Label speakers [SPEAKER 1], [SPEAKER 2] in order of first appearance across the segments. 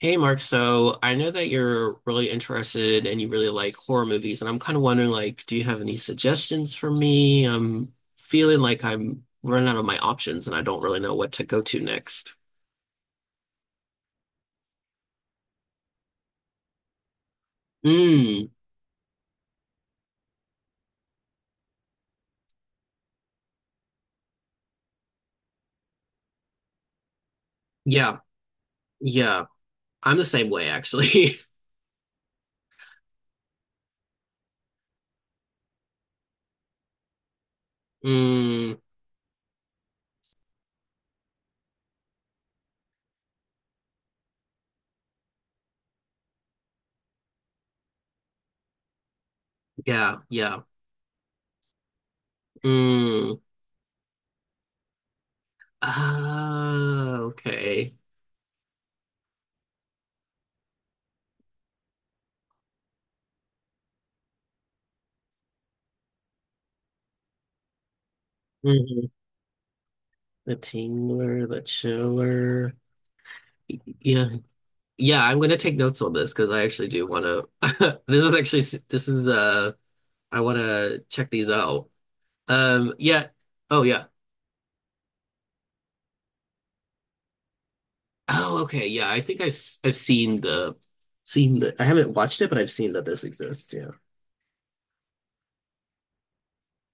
[SPEAKER 1] Hey Mark, so I know that you're really interested and you really like horror movies, and I'm kind of wondering, like, do you have any suggestions for me? I'm feeling like I'm running out of my options and I don't really know what to go to next. Mm, yeah, yeah. I'm the same way actually. Mm, yeah, yeah. Mm. Ah, okay. Hmm. The Tingler, the Chiller. Yeah, Yeah, I'm going to take notes on this because I actually do want to. This is actually this is I want to check these out. Yeah. Oh yeah. Oh okay. Yeah, I think I've seen the. I haven't watched it but I've seen that this exists. Yeah.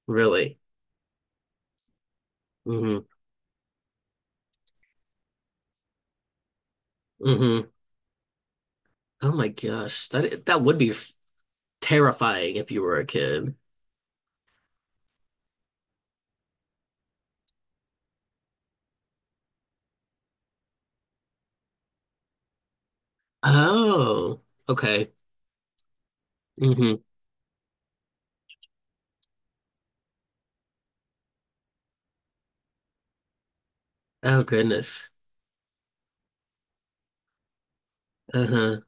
[SPEAKER 1] Really. Hmm. Hmm. Oh my gosh. That would terrifying if you were a kid. Oh. Okay. Hmm. Oh goodness. Uh-huh.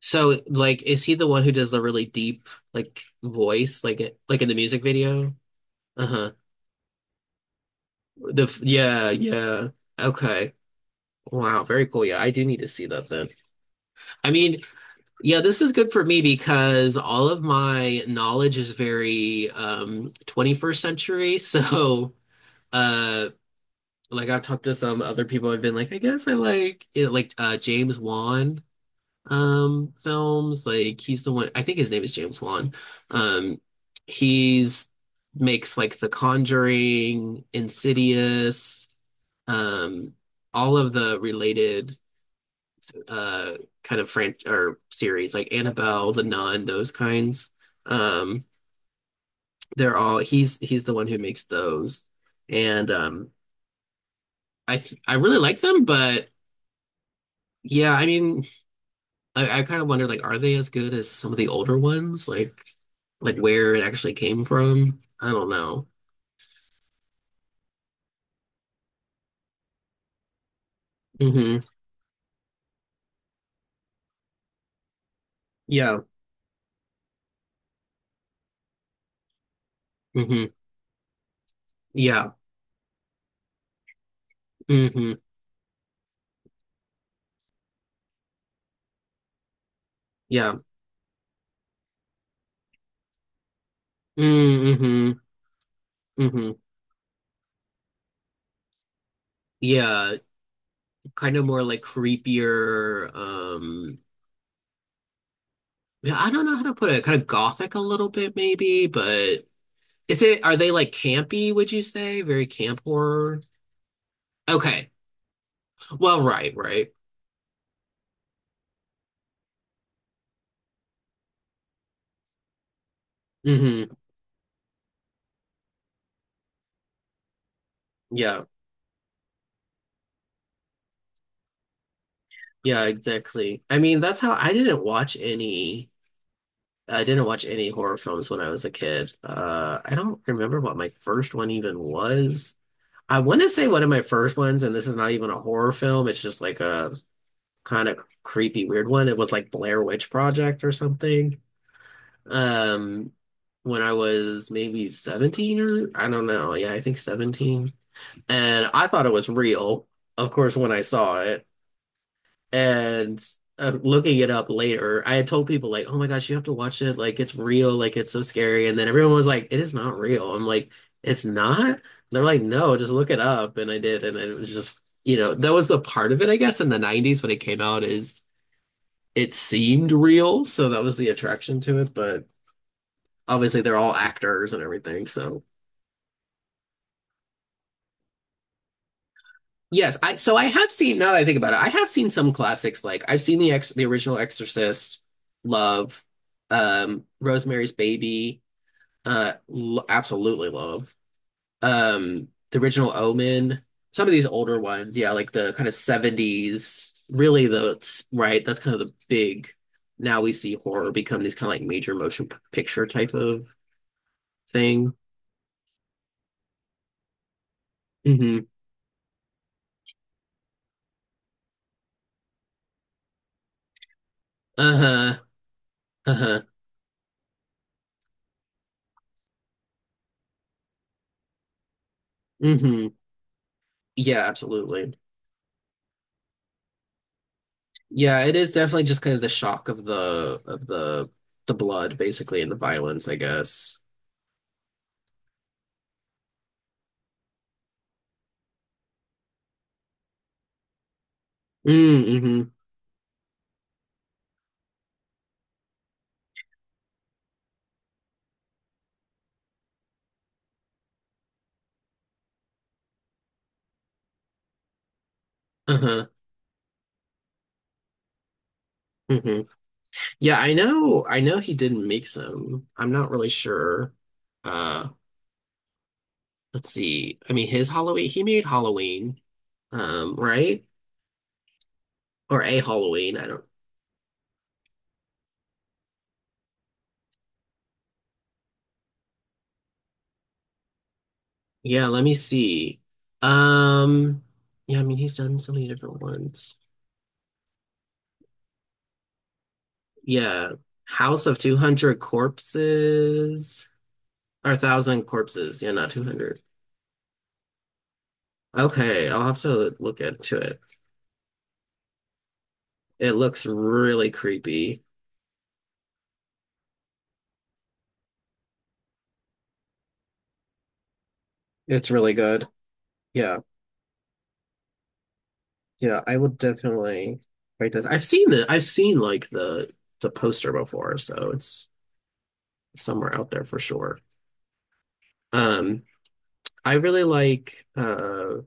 [SPEAKER 1] So, like, is he the one who does the really deep, like, voice, like, it, like, in the music video? Uh-huh. Yeah, yeah. Okay. Wow, very cool. Yeah, I do need to see that then. I mean, yeah, this is good for me because all of my knowledge is very 21st century. So, uh, like, I've talked to some other people. I've been like, James Wan. Films like he's the one, I think his name is James Wan, um he's makes like The Conjuring, Insidious, um all of the related uh kind of French or series like Annabelle, The Nun, those kinds. um they're all, he's the one who makes those. And I th I really like them, but yeah, I mean, I kind of wonder, like, are they as good as some of the older ones? Like where it actually came from? I don't know. Hmm. Yeah. Hmm. Yeah. Hmm. Yeah. Mm-hmm. Hmm. Yeah. Kind of more like creepier. Um, yeah. I don't know how to put it. Kind of gothic a little bit, maybe. But is it? Are they like campy? Would you say very camp horror? Okay. Well, right. Right. Hmm. Yeah. Yeah, exactly. I mean, that's how I didn't watch any. I didn't watch any horror films when I was a kid. I don't remember what my first one even was. I want to say one of my first ones, and this is not even a horror film. It's just like a kind of creepy, weird one. It was like Blair Witch Project or something. Um, when I was maybe 17, or I don't know. Yeah, I think 17. And I thought it was real, of course, when I saw it, and looking it up later, I had told people like, "Oh my gosh, you have to watch it! Like it's real! Like it's so scary!" And then everyone was like, "It is not real." I'm like, "It's not?" And they're like, "No, just look it up." And I did, and it was just, you know, that was the part of it, I guess, in the '90s when it came out, is it seemed real, so that was the attraction to it. But obviously, they're all actors and everything, so yes, I so I have seen. Now that I think about it, I have seen some classics, like I've seen the original Exorcist, love, Rosemary's Baby, lo absolutely love. The original Omen, some of these older ones, yeah, like the kind of 70s, really, the right, that's kind of the big. Now we see horror become these kind of like major motion picture type of thing. Hmm. Uh-huh. Uh-huh. Hmm. Yeah, absolutely. Yeah, it is definitely just kind of the shock of the blood, basically, and the violence, I guess. Mm, hmm. Uh-huh. Hmm. Yeah, I know. I know he didn't make some. I'm not really sure. Uh, let's see. I mean, his Halloween, he made Halloween, right? Or a Halloween. I don't. Yeah, let me see. Um, yeah, I mean, he's done so many different ones. Yeah. House of 200 Corpses. Or thousand corpses. Yeah, not 200. Okay, I'll have to look into it. It looks really creepy. It's really good. Yeah, yeah, I will definitely write this. I've seen like the poster before, so it's somewhere out there for sure. Um, I really like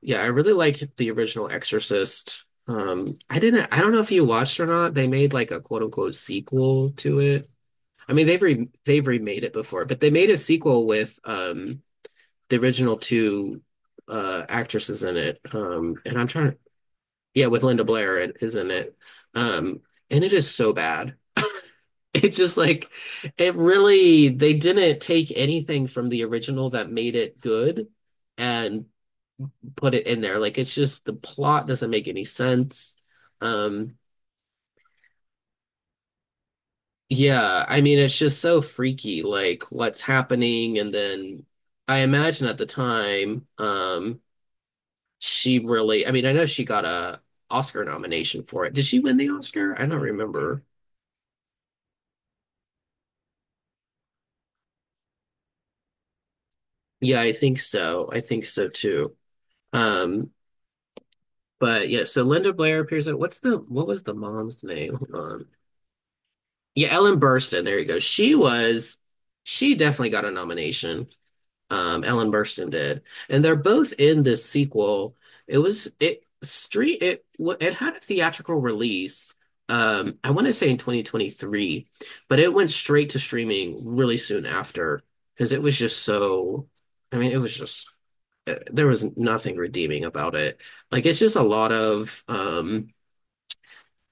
[SPEAKER 1] yeah, I really like the original Exorcist. I don't know if you watched or not. They made like a quote unquote sequel to it. I mean, they've remade it before, but they made a sequel with the original two actresses in it. And I'm trying to yeah, with Linda Blair, it is in it. Um, and it is so bad. It's just like it really they didn't take anything from the original that made it good and put it in there. Like it's just the plot doesn't make any sense. Um, Yeah, I mean, it's just so freaky, like what's happening. And then I imagine at the time, she really, I mean, I know she got a Oscar nomination for it. Did she win the Oscar? I don't remember. Yeah, I think so. I think so too. Um, but yeah, so Linda Blair appears at what's the what was the mom's name? Hold on. Yeah, Ellen Burstyn. There you go. She was, she definitely got a nomination. Um, Ellen Burstyn did. And they're both in this sequel. It was it street it w- it had a theatrical release. I want to say in 2023, but it went straight to streaming really soon after, because it was just so, I mean, it was just eh, there was nothing redeeming about it. Like it's just a lot of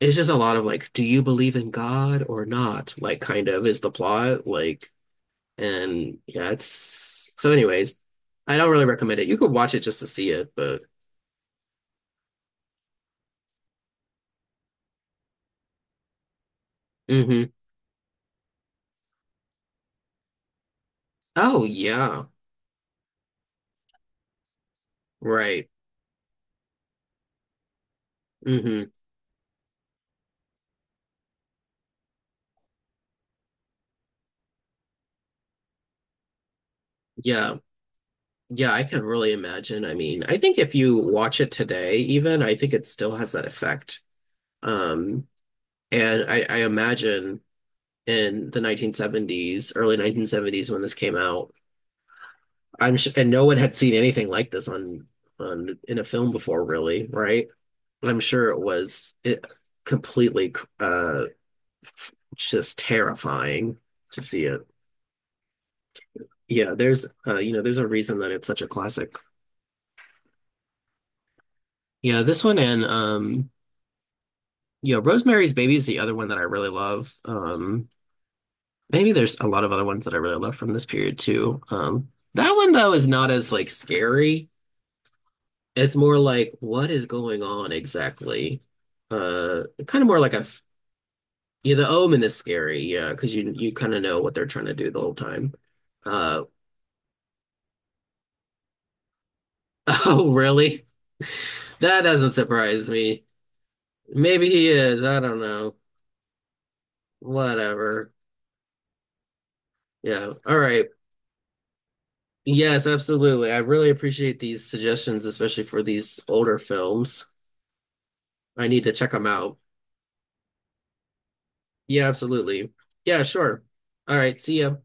[SPEAKER 1] it's just a lot of like, do you believe in God or not? Like kind of is the plot. Like, and yeah, it's so anyways, I don't really recommend it. You could watch it just to see it, but hmm. Oh yeah, right. Hmm. Yeah. Yeah, I can really imagine. I mean, I think if you watch it today, even, I think it still has that effect. Um, and I imagine in the 1970s, early 1970s when this came out, I'm sure, and no one had seen anything like this on in a film before, really, right? I'm sure it was it completely uh just terrifying to see it. Yeah, there's you know, there's a reason that it's such a classic. Yeah, this one and yeah, Rosemary's Baby is the other one that I really love. Um, maybe there's a lot of other ones that I really love from this period too. Um, that one though is not as like scary. It's more like what is going on exactly? Kind of more like yeah. The Omen is scary, yeah, because you kind of know what they're trying to do the whole time. Uh, oh, really? That doesn't surprise me. Maybe he is. I don't know. Whatever. Yeah. All right. Yes, absolutely. I really appreciate these suggestions, especially for these older films. I need to check them out. Yeah, absolutely. Yeah, sure. All right. See ya.